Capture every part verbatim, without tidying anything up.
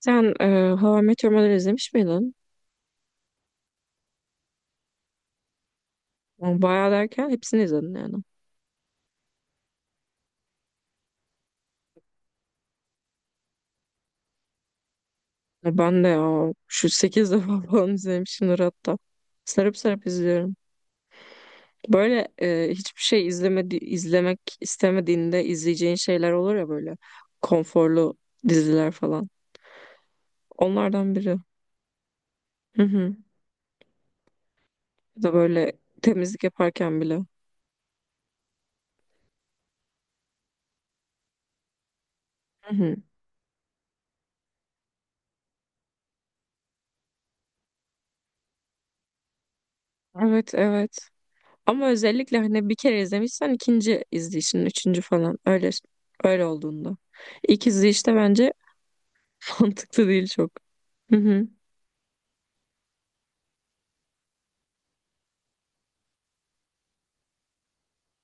Sen e, How I Met Your Mother'ı izlemiş miydin? Yani bayağı derken hepsini izledin yani. Ya ben de ya şu sekiz defa falan izlemişimdir hatta. Sarıp sarıp izliyorum. Böyle e, hiçbir şey izlemedi, izlemek istemediğinde izleyeceğin şeyler olur ya, böyle konforlu diziler falan. Onlardan biri. Hı hı. Ya da böyle temizlik yaparken bile. Hı hı. Evet evet. Ama özellikle hani bir kere izlemişsen ikinci izleyişin, üçüncü falan öyle öyle olduğunda. İlk izleyişte bence mantıklı değil çok. Hı hı.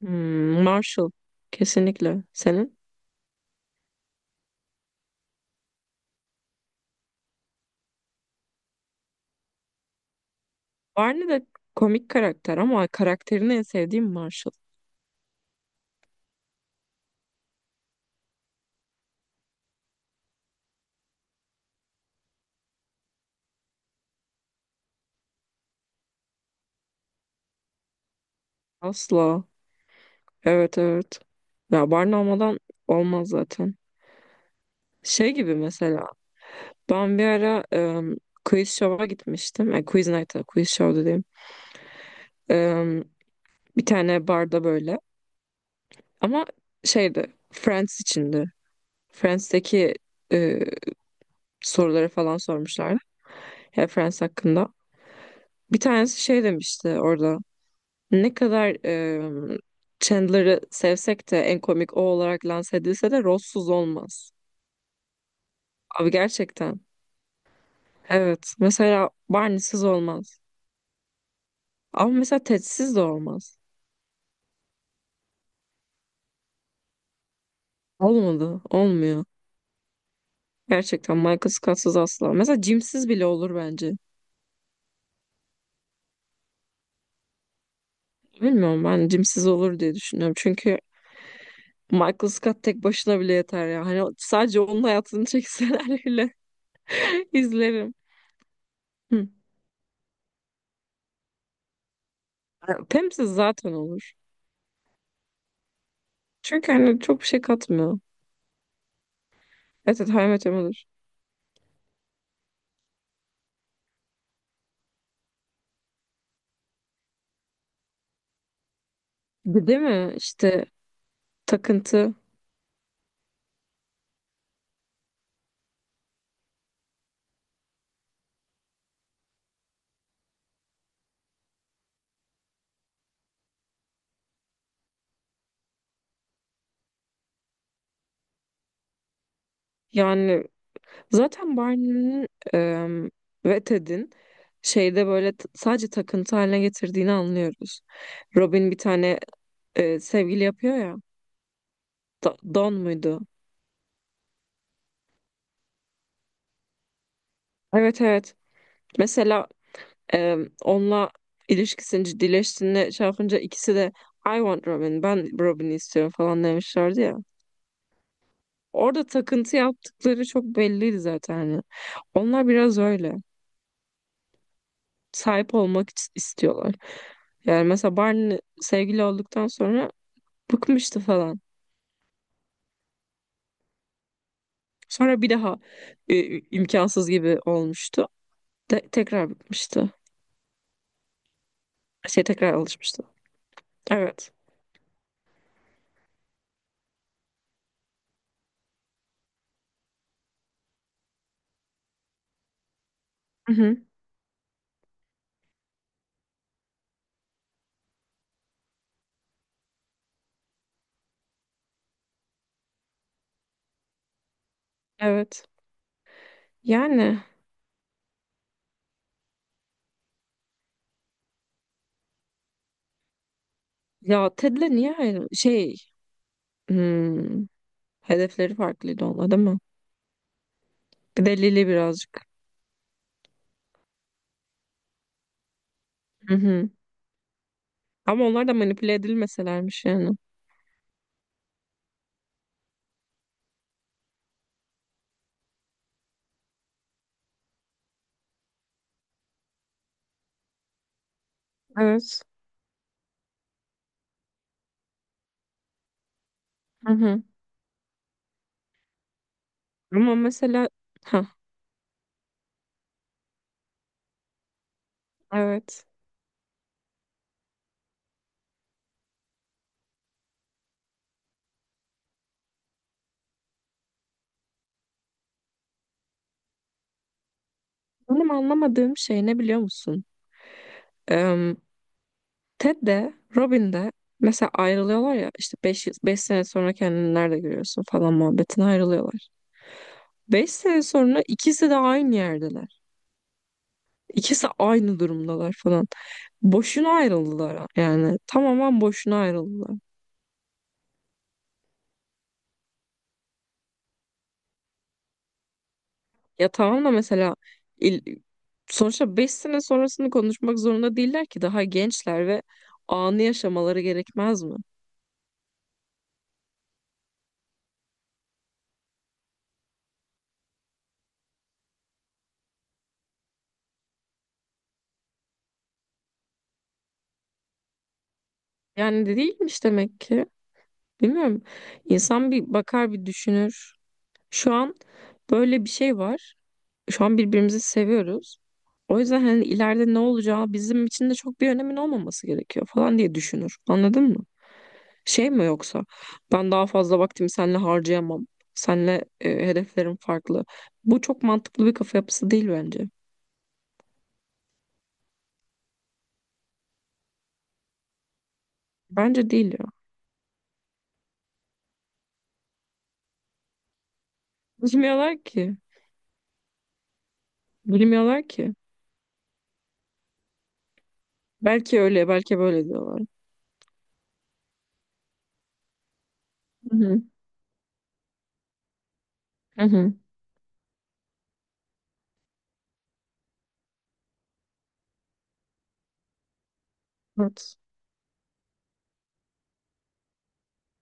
Hmm, Marshall kesinlikle. Senin? Barney de komik karakter ama karakterini en sevdiğim Marshall. Asla. Evet evet. Ya Barney olmadan olmaz zaten. Şey gibi, mesela ben bir ara em, quiz show'a gitmiştim. E, quiz night'a, quiz show dediğim. Em, bir tane barda böyle. Ama şeydi, Friends içindi. Friends'teki e, soruları falan sormuşlardı. Ya Friends hakkında. Bir tanesi şey demişti orada. Ne kadar e, Chandler'ı sevsek de en komik o olarak lanse edilse de Ross'suz olmaz. Abi gerçekten. Evet. Mesela Barney'siz olmaz. Ama mesela Ted'siz de olmaz. Olmadı. Olmuyor. Gerçekten Michael Scott'sız asla. Mesela Jim'siz bile olur bence. Bilmiyorum, ben Jim'siz olur diye düşünüyorum. Çünkü Michael Scott tek başına bile yeter ya. Hani sadece onun hayatını çekseler bile izlerim. Hı. E, Pam'siz zaten olur. Çünkü hani çok bir şey katmıyor. Evet evet, How I Met Your Mother. Bir, değil mi? İşte takıntı. Yani zaten Barney'nin em, ve Ted'in şeyde böyle t- sadece takıntı haline getirdiğini anlıyoruz. Robin bir tane e, sevgili yapıyor ya. Da- Don muydu? Evet evet. Mesela Ee, onunla ilişkisini ciddileştiğinde şey yapınca ikisi de I want Robin, ben Robin'i istiyorum falan demişlerdi ya. Orada takıntı yaptıkları çok belliydi zaten, hani. Onlar biraz öyle. Sahip olmak is- istiyorlar. Yani mesela Barney sevgili olduktan sonra bıkmıştı falan. Sonra bir daha e, imkansız gibi olmuştu. De- tekrar bıkmıştı. Şey tekrar alışmıştı. Evet. Hı hı. Evet. Yani ya Ted'le niye ayrı şey, hmm, hedefleri farklıydı onlar, değil mi? Bir de Lili birazcık. Hı hı. Ama onlar da manipüle edilmeselermiş yani. Evet. Hı hı. Ama mesela ha. Evet. Benim anlamadığım şey ne biliyor musun? Em, Ted de Robin de mesela ayrılıyorlar ya, işte beş beş sene sonra kendini nerede görüyorsun falan muhabbetine ayrılıyorlar. Beş sene sonra ikisi de aynı yerdeler. İkisi aynı durumdalar falan. Boşuna ayrıldılar yani. Tamamen boşuna ayrıldılar. Ya tamam da mesela il- sonuçta beş sene sonrasını konuşmak zorunda değiller ki, daha gençler ve anı yaşamaları gerekmez mi? Yani de değilmiş demek ki. Bilmiyorum. İnsan bir bakar, bir düşünür. Şu an böyle bir şey var. Şu an birbirimizi seviyoruz. O yüzden hani ileride ne olacağı bizim için de çok bir önemin olmaması gerekiyor falan diye düşünür. Anladın mı? Şey mi, yoksa ben daha fazla vaktimi seninle harcayamam. Seninle e, hedeflerim farklı. Bu çok mantıklı bir kafa yapısı değil bence. Bence değil ya. Bilmiyorlar ki. Bilmiyorlar ki. Belki öyle, belki böyle diyorlar. Hı hı. Hı hı. Evet.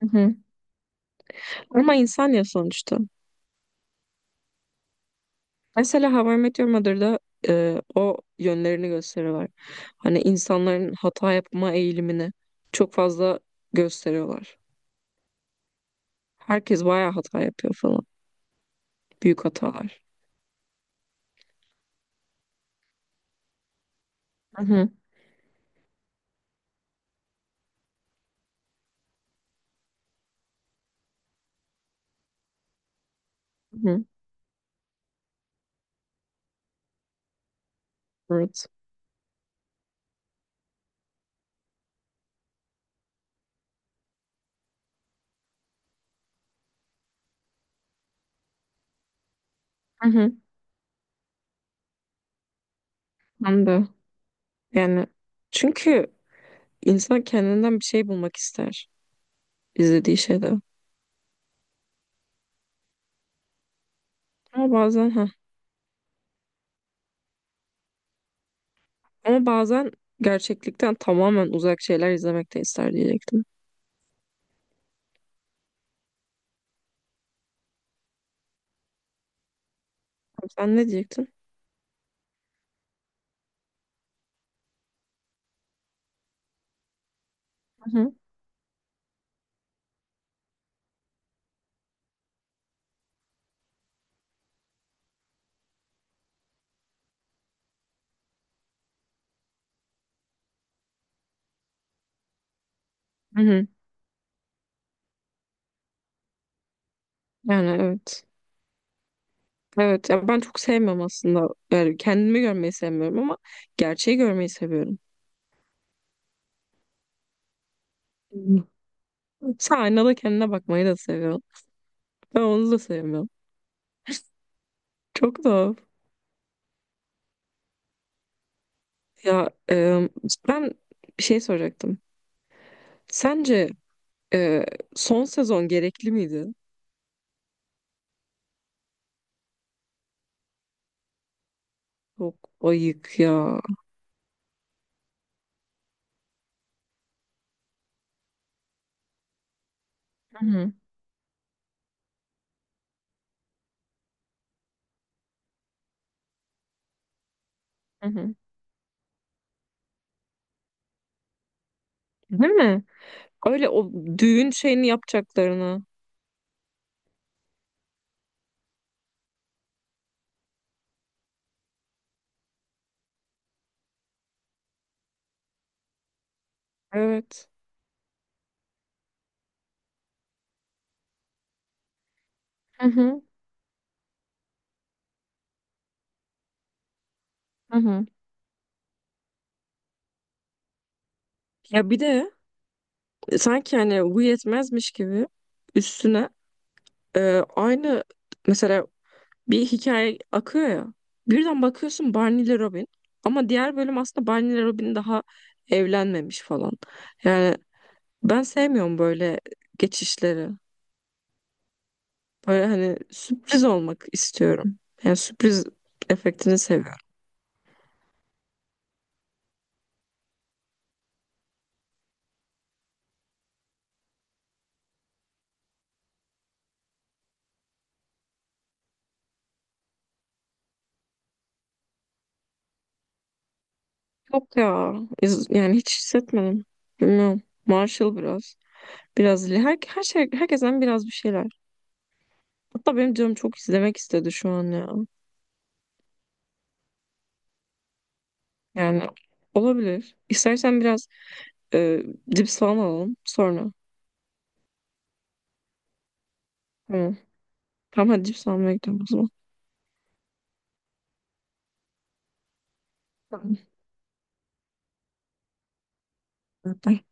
Hı hı. Ama insan ya sonuçta. Mesela How I Met Your Mother'da e, o yönlerini gösteriyorlar. Hani insanların hata yapma eğilimini çok fazla gösteriyorlar. Herkes bayağı hata yapıyor falan. Büyük hatalar. Hı hı. Hı hı. Evet. Hı hı. Ben de. Yani çünkü insan kendinden bir şey bulmak ister izlediği şeyde. Ama bazen ha. Ama bazen gerçeklikten tamamen uzak şeyler izlemek de ister diyecektim. Sen ne diyecektin? Hı hı. Hı hı. Yani evet. Evet. Ya ben çok sevmiyorum aslında. Yani kendimi görmeyi sevmiyorum ama gerçeği görmeyi seviyorum. Hı. Sen aynada kendine bakmayı da seviyorsun. Ben onu da sevmiyorum. Çok da. Ya e, ben bir şey soracaktım. Sence Ee, son sezon gerekli miydi? Çok ayık ya. Hı hı. Hı hı. Değil mi? Öyle o düğün şeyini yapacaklarını. Evet. Hı hı. Hı hı. Ya bir de sanki hani bu yetmezmiş gibi üstüne e, aynı mesela bir hikaye akıyor ya. Birden bakıyorsun Barney ile Robin, ama diğer bölüm aslında Barney ile Robin daha evlenmemiş falan. Yani ben sevmiyorum böyle geçişleri. Böyle hani sürpriz olmak istiyorum. Yani sürpriz efektini seviyorum. Yok ya. iz- Yani hiç hissetmedim. Bilmiyorum. Marshall biraz. Biraz Lee. her, her şey, herkesten biraz bir şeyler. Hatta benim canım çok izlemek istedi şu an ya. Yani olabilir. İstersen biraz e, cips falan alalım sonra. Tamam. Tamam hadi cips almaya gidelim o zaman. Tamam. Bye.